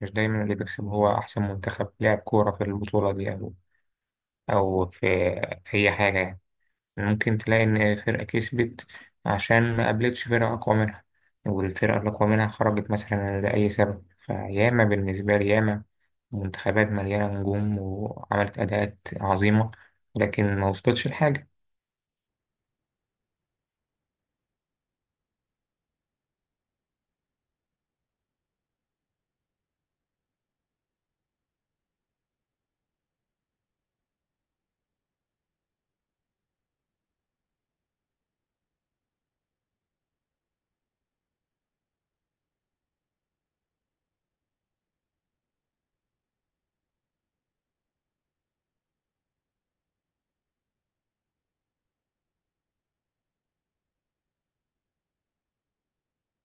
مش دايما اللي بيكسب هو أحسن منتخب لعب كورة في البطولة دي أو في أي حاجة يعني. ممكن تلاقي إن فرقة كسبت عشان ما قابلتش فرقة أقوى منها، والفرقة الأقوى منها خرجت مثلا لأي سبب. فياما بالنسبة لي، ياما منتخبات مليانة نجوم وعملت أداءات عظيمة لكن ما وصلتش لحاجة.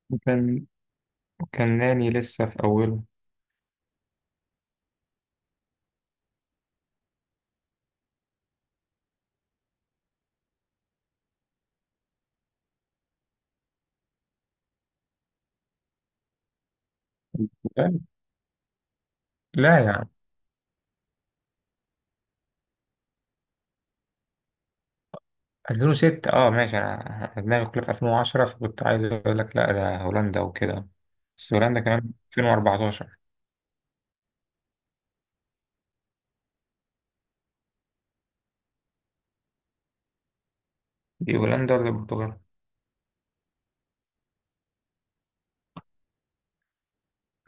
وكان وكان ناني لسه في أوله. لا، لا يا عم. 2006، اه ماشي، انا، أنا دماغي كلها في 2010، فكنت عايز اقول لك لا ده هولندا وكده. بس هولندا كمان 2014. دي هولندا ولا البرتغال؟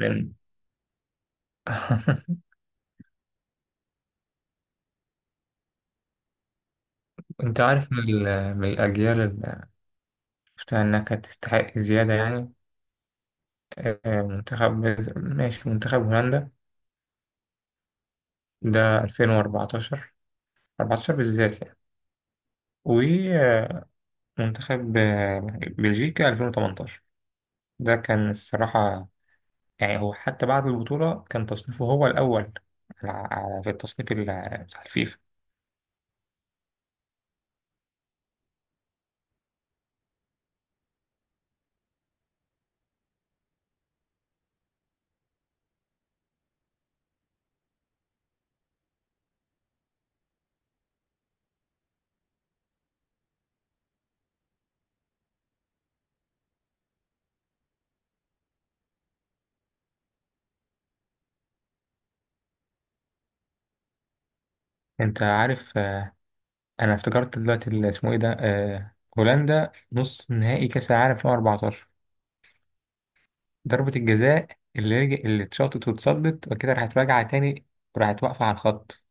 لأن- انت عارف من الاجيال اللي شفتها انها كانت تستحق زياده يعني. منتخب، ماشي، منتخب هولندا ده 2014، 14 بالذات يعني. ومنتخب بلجيكا 2018، ده كان الصراحه. يعني هو حتى بعد البطولة كان تصنيفه هو الأول، على في التصنيف بتاع الفيفا. أنت عارف، أنا افتكرت دلوقتي اللي اسمه إيه ده، هولندا نص نهائي كأس العالم 2014، ضربة الجزاء اللي اتشاطت واتصدت وكده راحت راجعة تاني، وراحت واقفة على الخط.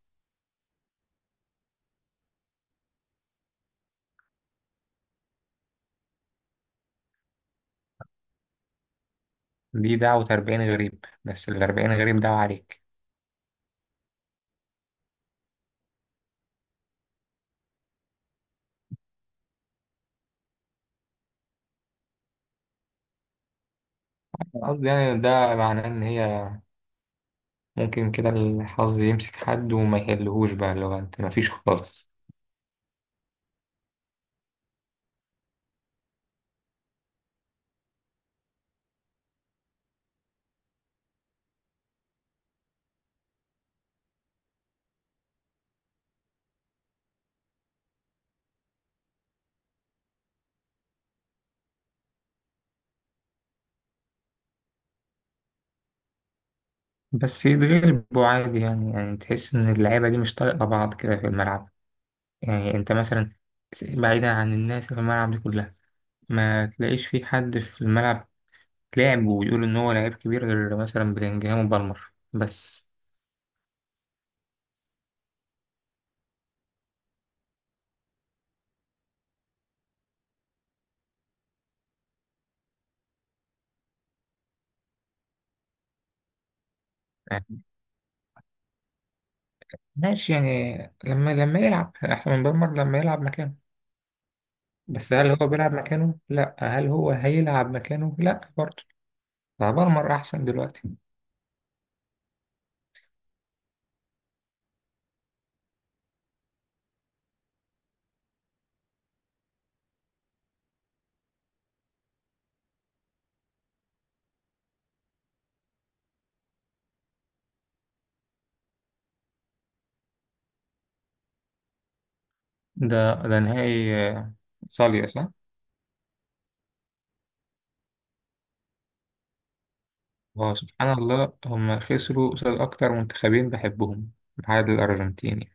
دي دعوة 40 غريب، بس ال 40 غريب دعوة عليك. أنا قصدي يعني ده معناه إن هي ممكن كده الحظ يمسك حد وما يحلهوش، بقى اللي هو أنت مفيش خالص. بس يتغلبوا عادي يعني، يعني تحس إن اللعيبة دي مش طايقة بعض كده في الملعب. يعني أنت مثلا، بعيدا عن الناس اللي في الملعب دي كلها، ما تلاقيش في حد في الملعب لعب ويقول إن هو لعيب كبير، غير مثلا بلينجهام وبالمر بس. يعني ماشي يعني، لما يلعب أحسن من بالمر لما يلعب مكانه. بس هل هو بيلعب مكانه؟ لأ. هل هو هيلعب مكانه؟ لأ برضه. فبالمر أحسن دلوقتي. ده نهائي صالية، صح؟ هو سبحان الله هم خسروا قصاد أكتر منتخبين بحبهم بعد الأرجنتين.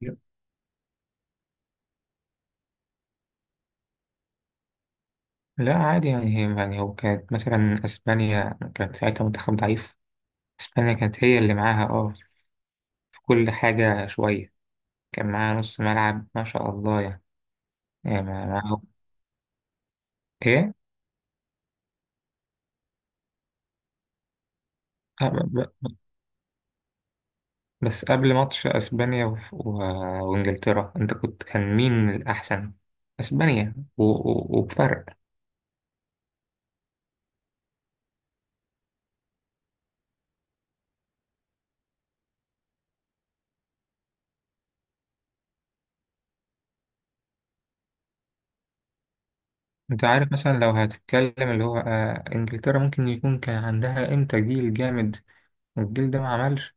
يعني. لا عادي يعني، هي يعني، هو كانت مثلا أسبانيا كانت ساعتها منتخب ضعيف. أسبانيا كانت هي اللي معاها اه في كل حاجة شوية. كان معاها نص ملعب ما شاء الله يعني. يعني معاهم. إيه؟ آه، ب- ب- بس قبل ماتش أسبانيا وإنجلترا، أنت كنت كان مين الأحسن؟ أسبانيا وبفرق. انت عارف مثلا لو هتتكلم اللي هو آه انجلترا، ممكن يكون كان عندها امتى جيل جامد والجيل ده ما عملش.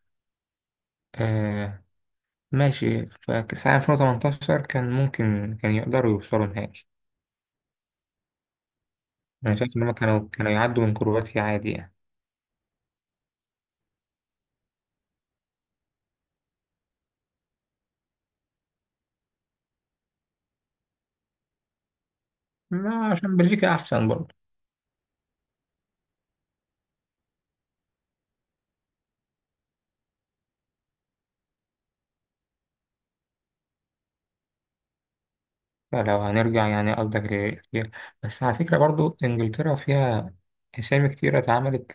آه ماشي. فكأس العالم 2018 كان ممكن كان يقدروا يوصلوا نهائي. انا شايف ان هم كانوا يعدوا من كرواتيا عادي يعني. ما عشان بلجيكا احسن برضه. فلو هنرجع يعني قصدك بس على فكرة برضه انجلترا فيها اسامي كتيرة اتعملت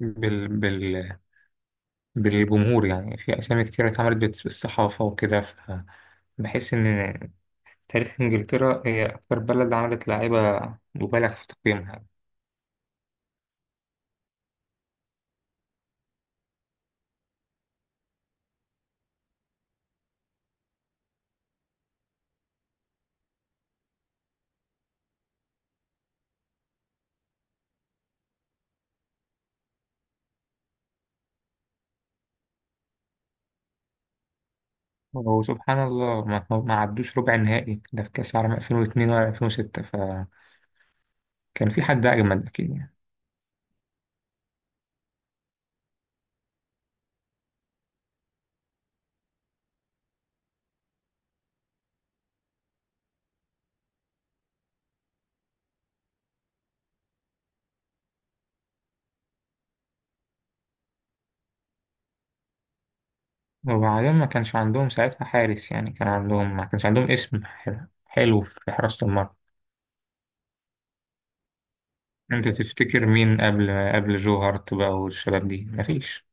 بال... بال... بالجمهور، يعني في اسامي كتيرة اتعملت بالصحافة وكده بحس ان تاريخ إنجلترا هي أكتر بلد عملت لاعيبة مبالغ في تقييمها. وسبحان الله ما عدوش ربع النهائي ده في كأس العالم 2002 ولا 2006، فكان في حد أجمد أكيد يعني. وبعدين ما كانش عندهم ساعتها حارس يعني، كان عندهم، ما كانش عندهم اسم حلو في حراسة المرمى. أنت تفتكر مين قبل جو هارت بقى والشباب دي؟ مفيش.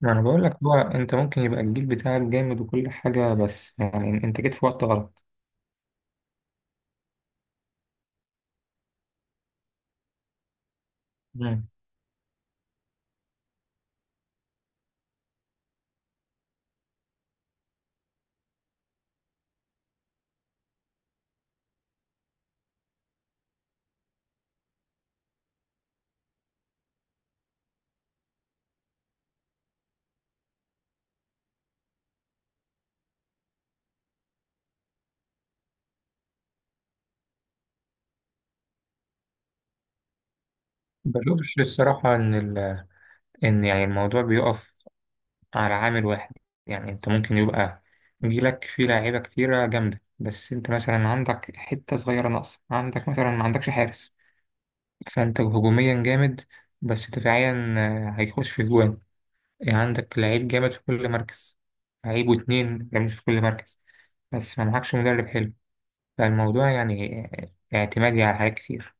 ما أنا بقول لك هو، أنت ممكن يبقى الجيل بتاعك جامد وكل حاجة بس يعني أنت جيت في وقت غلط. مم. بشوف الصراحة إن، ان يعني الموضوع بيقف على عامل واحد. يعني انت ممكن يبقى جيلك فيه لاعيبه كتيره جامده، بس انت مثلا عندك حته صغيره ناقصه، عندك مثلا ما عندكش حارس. فانت هجوميا جامد بس دفاعيا هيخش في جوان. يعني عندك لعيب جامد في كل مركز، لعيب واتنين جامد في كل مركز بس ما معكش مدرب حلو. فالموضوع يعني اعتمادي على حاجات كتير.